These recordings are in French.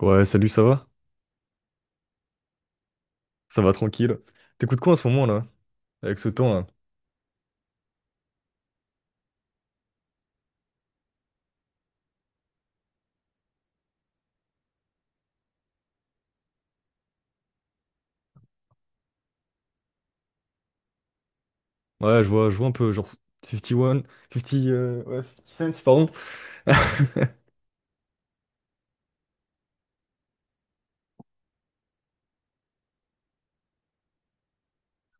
Ouais, salut, ça va? Ça va tranquille. T'écoutes quoi en ce moment là? Avec ce temps là? Ouais, je vois un peu genre 51, 50, ouais, 50 cents, pardon.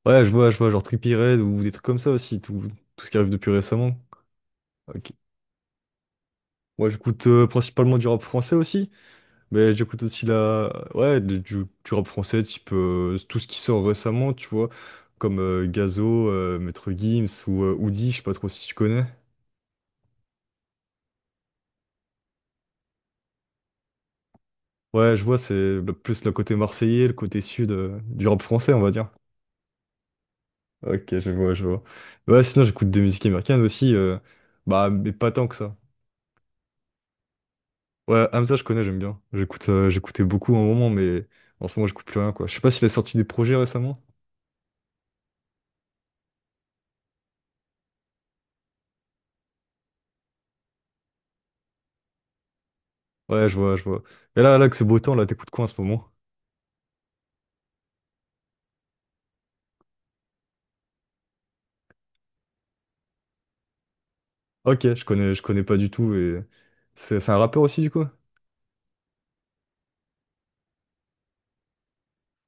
Ouais, je vois genre Trippie Redd ou des trucs comme ça aussi, tout ce qui arrive depuis récemment. Ok. Ouais, j'écoute principalement du rap français aussi, mais j'écoute aussi ouais, du rap français, type tout ce qui sort récemment, tu vois, comme Gazo, Maître Gims ou Oudi, je sais pas trop si tu connais. Ouais, je vois, c'est plus le côté marseillais, le côté sud du rap français, on va dire. Ok, je vois. Ouais, sinon j'écoute des musiques américaines aussi, bah mais pas tant que ça. Ouais, Hamza, je connais, j'aime bien. J'écoutais beaucoup à un moment, mais en ce moment j'écoute plus rien, quoi. Je sais pas s'il a sorti des projets récemment. Ouais, je vois. Et là que c'est beau temps, là, t'écoutes quoi en ce moment? Ok, je connais pas du tout et c'est un rappeur aussi du coup?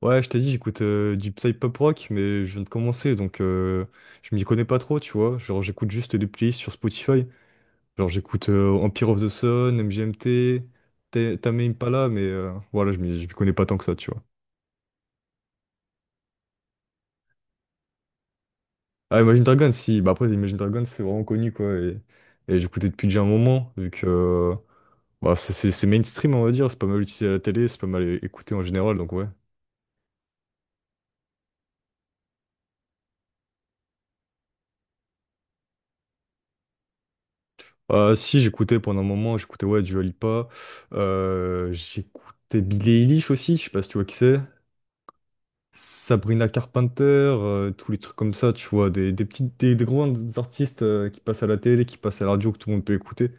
Ouais, je t'ai dit, j'écoute du psy-pop rock, mais je viens de commencer, donc je m'y connais pas trop, tu vois. Genre, j'écoute juste des playlists sur Spotify. Genre, j'écoute Empire of the Sun, MGMT, Tame Impala, mais voilà, je m'y connais pas tant que ça, tu vois. Ah, Imagine Dragons, si. Bah, après, Imagine Dragons, c'est vraiment connu, quoi. Et j'écoutais depuis déjà un moment, vu que bah, c'est mainstream, on va dire. C'est pas mal utilisé à la télé, c'est pas mal écouté en général, donc ouais. Ah, si, j'écoutais pendant un moment, j'écoutais, ouais, Dua Lipa. J'écoutais Billie Eilish aussi, je sais pas si tu vois qui c'est. Sabrina Carpenter, tous les trucs comme ça, tu vois, des petites, des grands artistes qui passent à la télé, qui passent à la radio, que tout le monde peut écouter.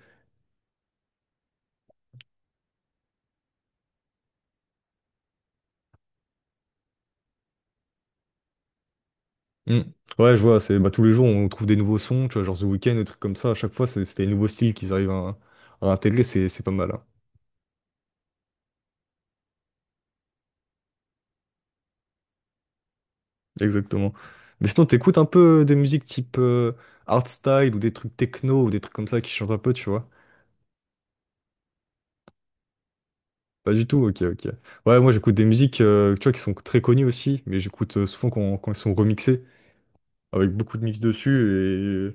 Mm. Ouais, je vois, c'est bah, tous les jours on trouve des nouveaux sons, tu vois, genre The Weeknd, des trucs comme ça, à chaque fois c'est des nouveaux styles qu'ils arrivent à intégrer, c'est pas mal, hein. Exactement. Mais sinon, t'écoutes un peu des musiques type art style ou des trucs techno ou des trucs comme ça qui changent un peu, tu vois? Pas du tout, ok, ok. Ouais, moi j'écoute des musiques, tu vois, qui sont très connues aussi, mais j'écoute souvent quand elles sont remixées. Avec beaucoup de mix dessus et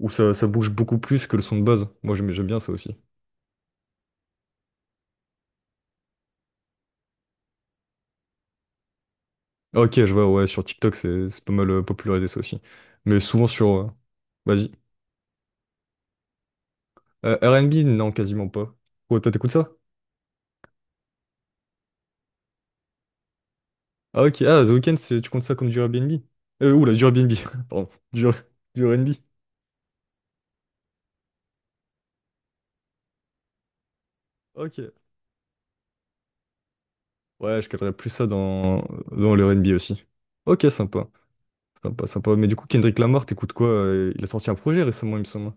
où ça bouge beaucoup plus que le son de base. Moi, j'aime bien ça aussi. Ah, ok, je vois, ouais, sur TikTok, c'est pas mal popularisé ça aussi. Mais souvent sur. Vas-y. R&B, non, quasiment pas. Oh, toi, t'écoutes ça? Ah, ok, ah, The Weeknd, tu comptes ça comme du Airbnb? Oula, du Airbnb, pardon, du R&B. Ok. Ouais, je calerais plus ça dans le R&B aussi. Ok, sympa. Sympa, sympa. Mais du coup, Kendrick Lamar, t'écoutes quoi? Il a sorti un projet récemment, il me semble.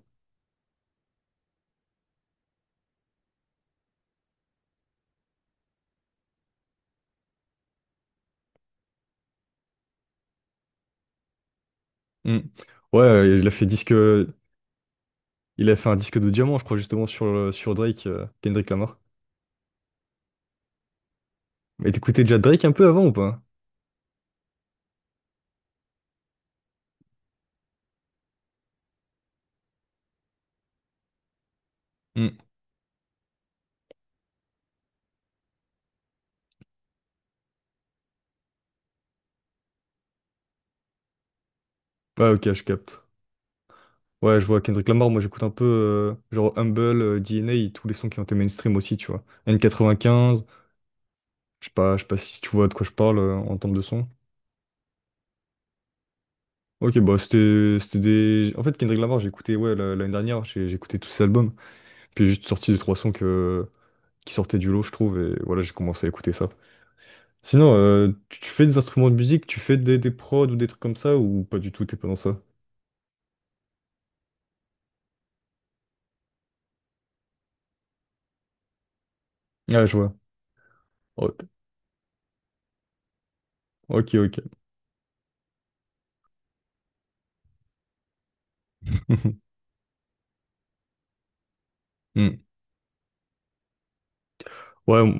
Hmm. Ouais, il a fait disque. Il a fait un disque de diamant, je crois, justement, sur Drake, Kendrick Lamar. Mais t'écoutais déjà Drake un peu avant ou pas? Hmm. Ouais, ok, je capte. Ouais, je vois Kendrick Lamar, moi j'écoute un peu genre Humble, DNA, et tous les sons qui ont été mainstream aussi, tu vois. N95, je sais pas si tu vois de quoi je parle en termes de son. Ok, bah en fait, Kendrick Lamar, j'ai écouté, ouais, l'année dernière, j'ai écouté tous ses albums. Puis j'ai juste sorti deux, trois sons qui sortaient du lot, je trouve, et voilà, j'ai commencé à écouter ça. Sinon, tu fais des instruments de musique, tu fais des prods ou des trucs comme ça, ou pas du tout, t'es pas dans ça? Ah, je vois. Ok, ok. Ok. Hmm. Ouais,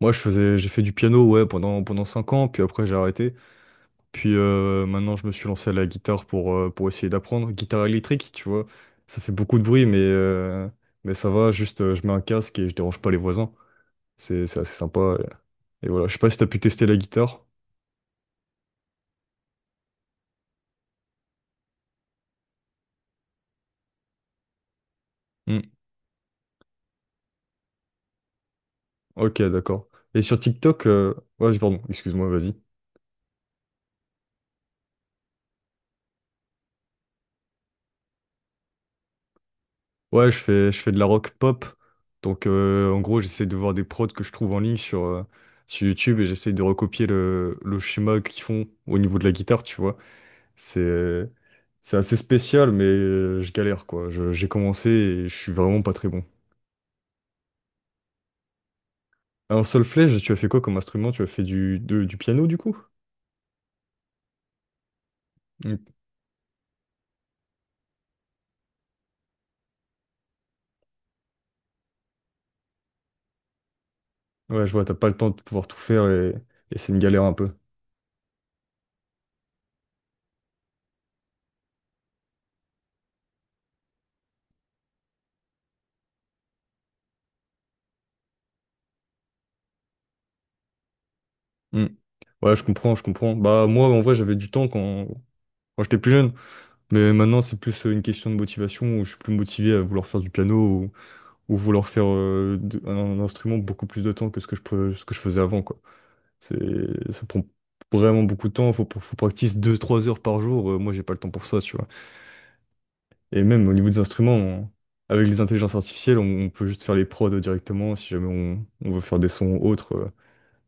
moi j'ai fait du piano, ouais, pendant 5 ans, puis après j'ai arrêté. Puis maintenant je me suis lancé à la guitare pour essayer d'apprendre. Guitare électrique, tu vois, ça fait beaucoup de bruit, mais ça va, juste je mets un casque et je dérange pas les voisins. C'est assez sympa. Et voilà, je sais pas si t'as pu tester la guitare. Hmm. Ok, d'accord. Et sur TikTok, ouais, pardon, excuse-moi, vas-y. Ouais, je fais de la rock pop. Donc, en gros, j'essaie de voir des prods que je trouve en ligne sur YouTube et j'essaie de recopier le schéma qu'ils font au niveau de la guitare, tu vois. C'est, c'est assez spécial, mais je galère, quoi. J'ai commencé et je suis vraiment pas très bon. En solfège, tu as fait quoi comme instrument? Tu as fait du piano, du coup? Mm. Ouais, je vois, t'as pas le temps de pouvoir tout faire et c'est une galère un peu. Mm. Ouais, je comprends, je comprends. Bah, moi, en vrai, j'avais du temps quand j'étais plus jeune. Mais maintenant, c'est plus une question de motivation où je suis plus motivé à vouloir faire du piano ou vouloir faire un instrument beaucoup plus de temps que ce que je faisais avant, quoi. Ça prend vraiment beaucoup de temps. Faut practice 2-3 heures par jour. Moi, j'ai pas le temps pour ça, tu vois. Et même au niveau des instruments, avec les intelligences artificielles, on peut juste faire les prods directement si jamais on veut faire des sons autres. euh,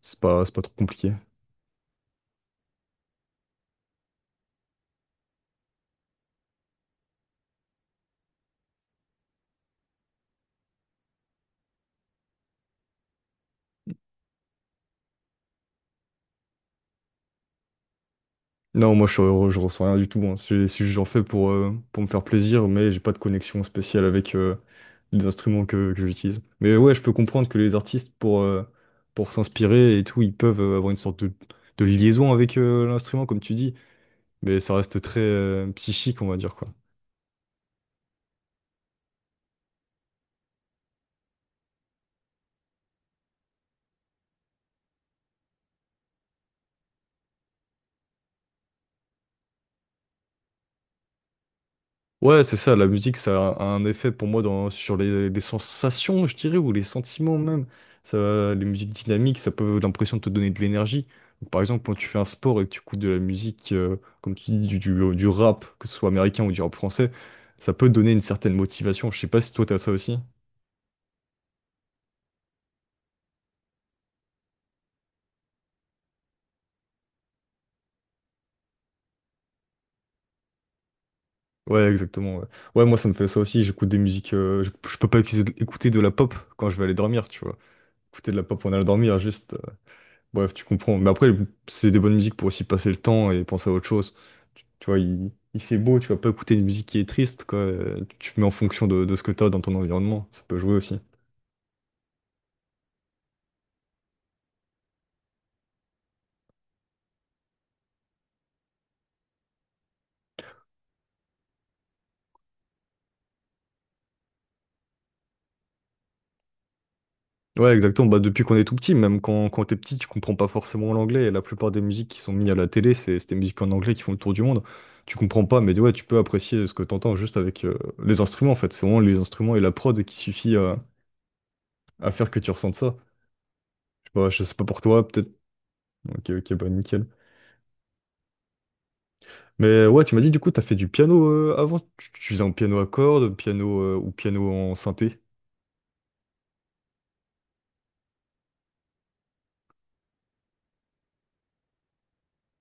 c'est pas, c'est pas trop compliqué. Non, moi je ressens rien du tout. Hein. C'est juste j'en fais pour me faire plaisir, mais j'ai pas de connexion spéciale avec les instruments que j'utilise. Mais ouais, je peux comprendre que les artistes, pour s'inspirer et tout, ils peuvent avoir une sorte de liaison avec l'instrument, comme tu dis, mais ça reste très psychique, on va dire, quoi. Ouais, c'est ça, la musique, ça a un effet pour moi sur les sensations, je dirais, ou les sentiments même. Ça, les musiques dynamiques, ça peut avoir l'impression de te donner de l'énergie. Donc, par exemple, quand tu fais un sport et que tu écoutes de la musique, comme tu dis, du rap, que ce soit américain ou du rap français, ça peut donner une certaine motivation. Je sais pas si toi, t'as ça aussi. Ouais, exactement. Ouais, ouais, moi, ça me fait ça aussi. J'écoute des musiques. Je peux pas écouter de la pop quand je vais aller dormir, tu vois. Écouter de la pop en allant dormir, juste. Bref, tu comprends. Mais après, c'est des bonnes musiques pour aussi passer le temps et penser à autre chose. Tu vois, il fait beau, tu vas pas écouter une musique qui est triste, quoi. Tu mets en fonction de ce que t'as dans ton environnement. Ça peut jouer aussi. Ouais, exactement. Bah, depuis qu'on est tout petit, même quand t'es petit, tu comprends pas forcément l'anglais. Et la plupart des musiques qui sont mises à la télé, c'est des musiques en anglais qui font le tour du monde. Tu comprends pas, mais ouais, tu peux apprécier ce que t'entends juste avec les instruments, en fait. C'est vraiment les instruments et la prod qui suffit à faire que tu ressentes ça. Je sais pas pour toi, peut-être. Ok, ok, bah nickel. Mais ouais, tu m'as dit du coup, t'as fait du piano avant. Tu faisais un piano à cordes, piano ou piano en synthé.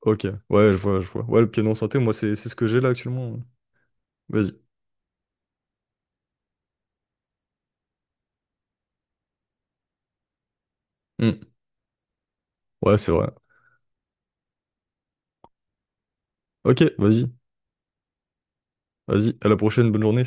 Ok, ouais, je vois. Ouais, le piano en synthé, moi, c'est ce que j'ai là actuellement. Vas-y. Hmm. Ouais, c'est vrai. Ok, vas-y, vas-y. À la prochaine, bonne journée.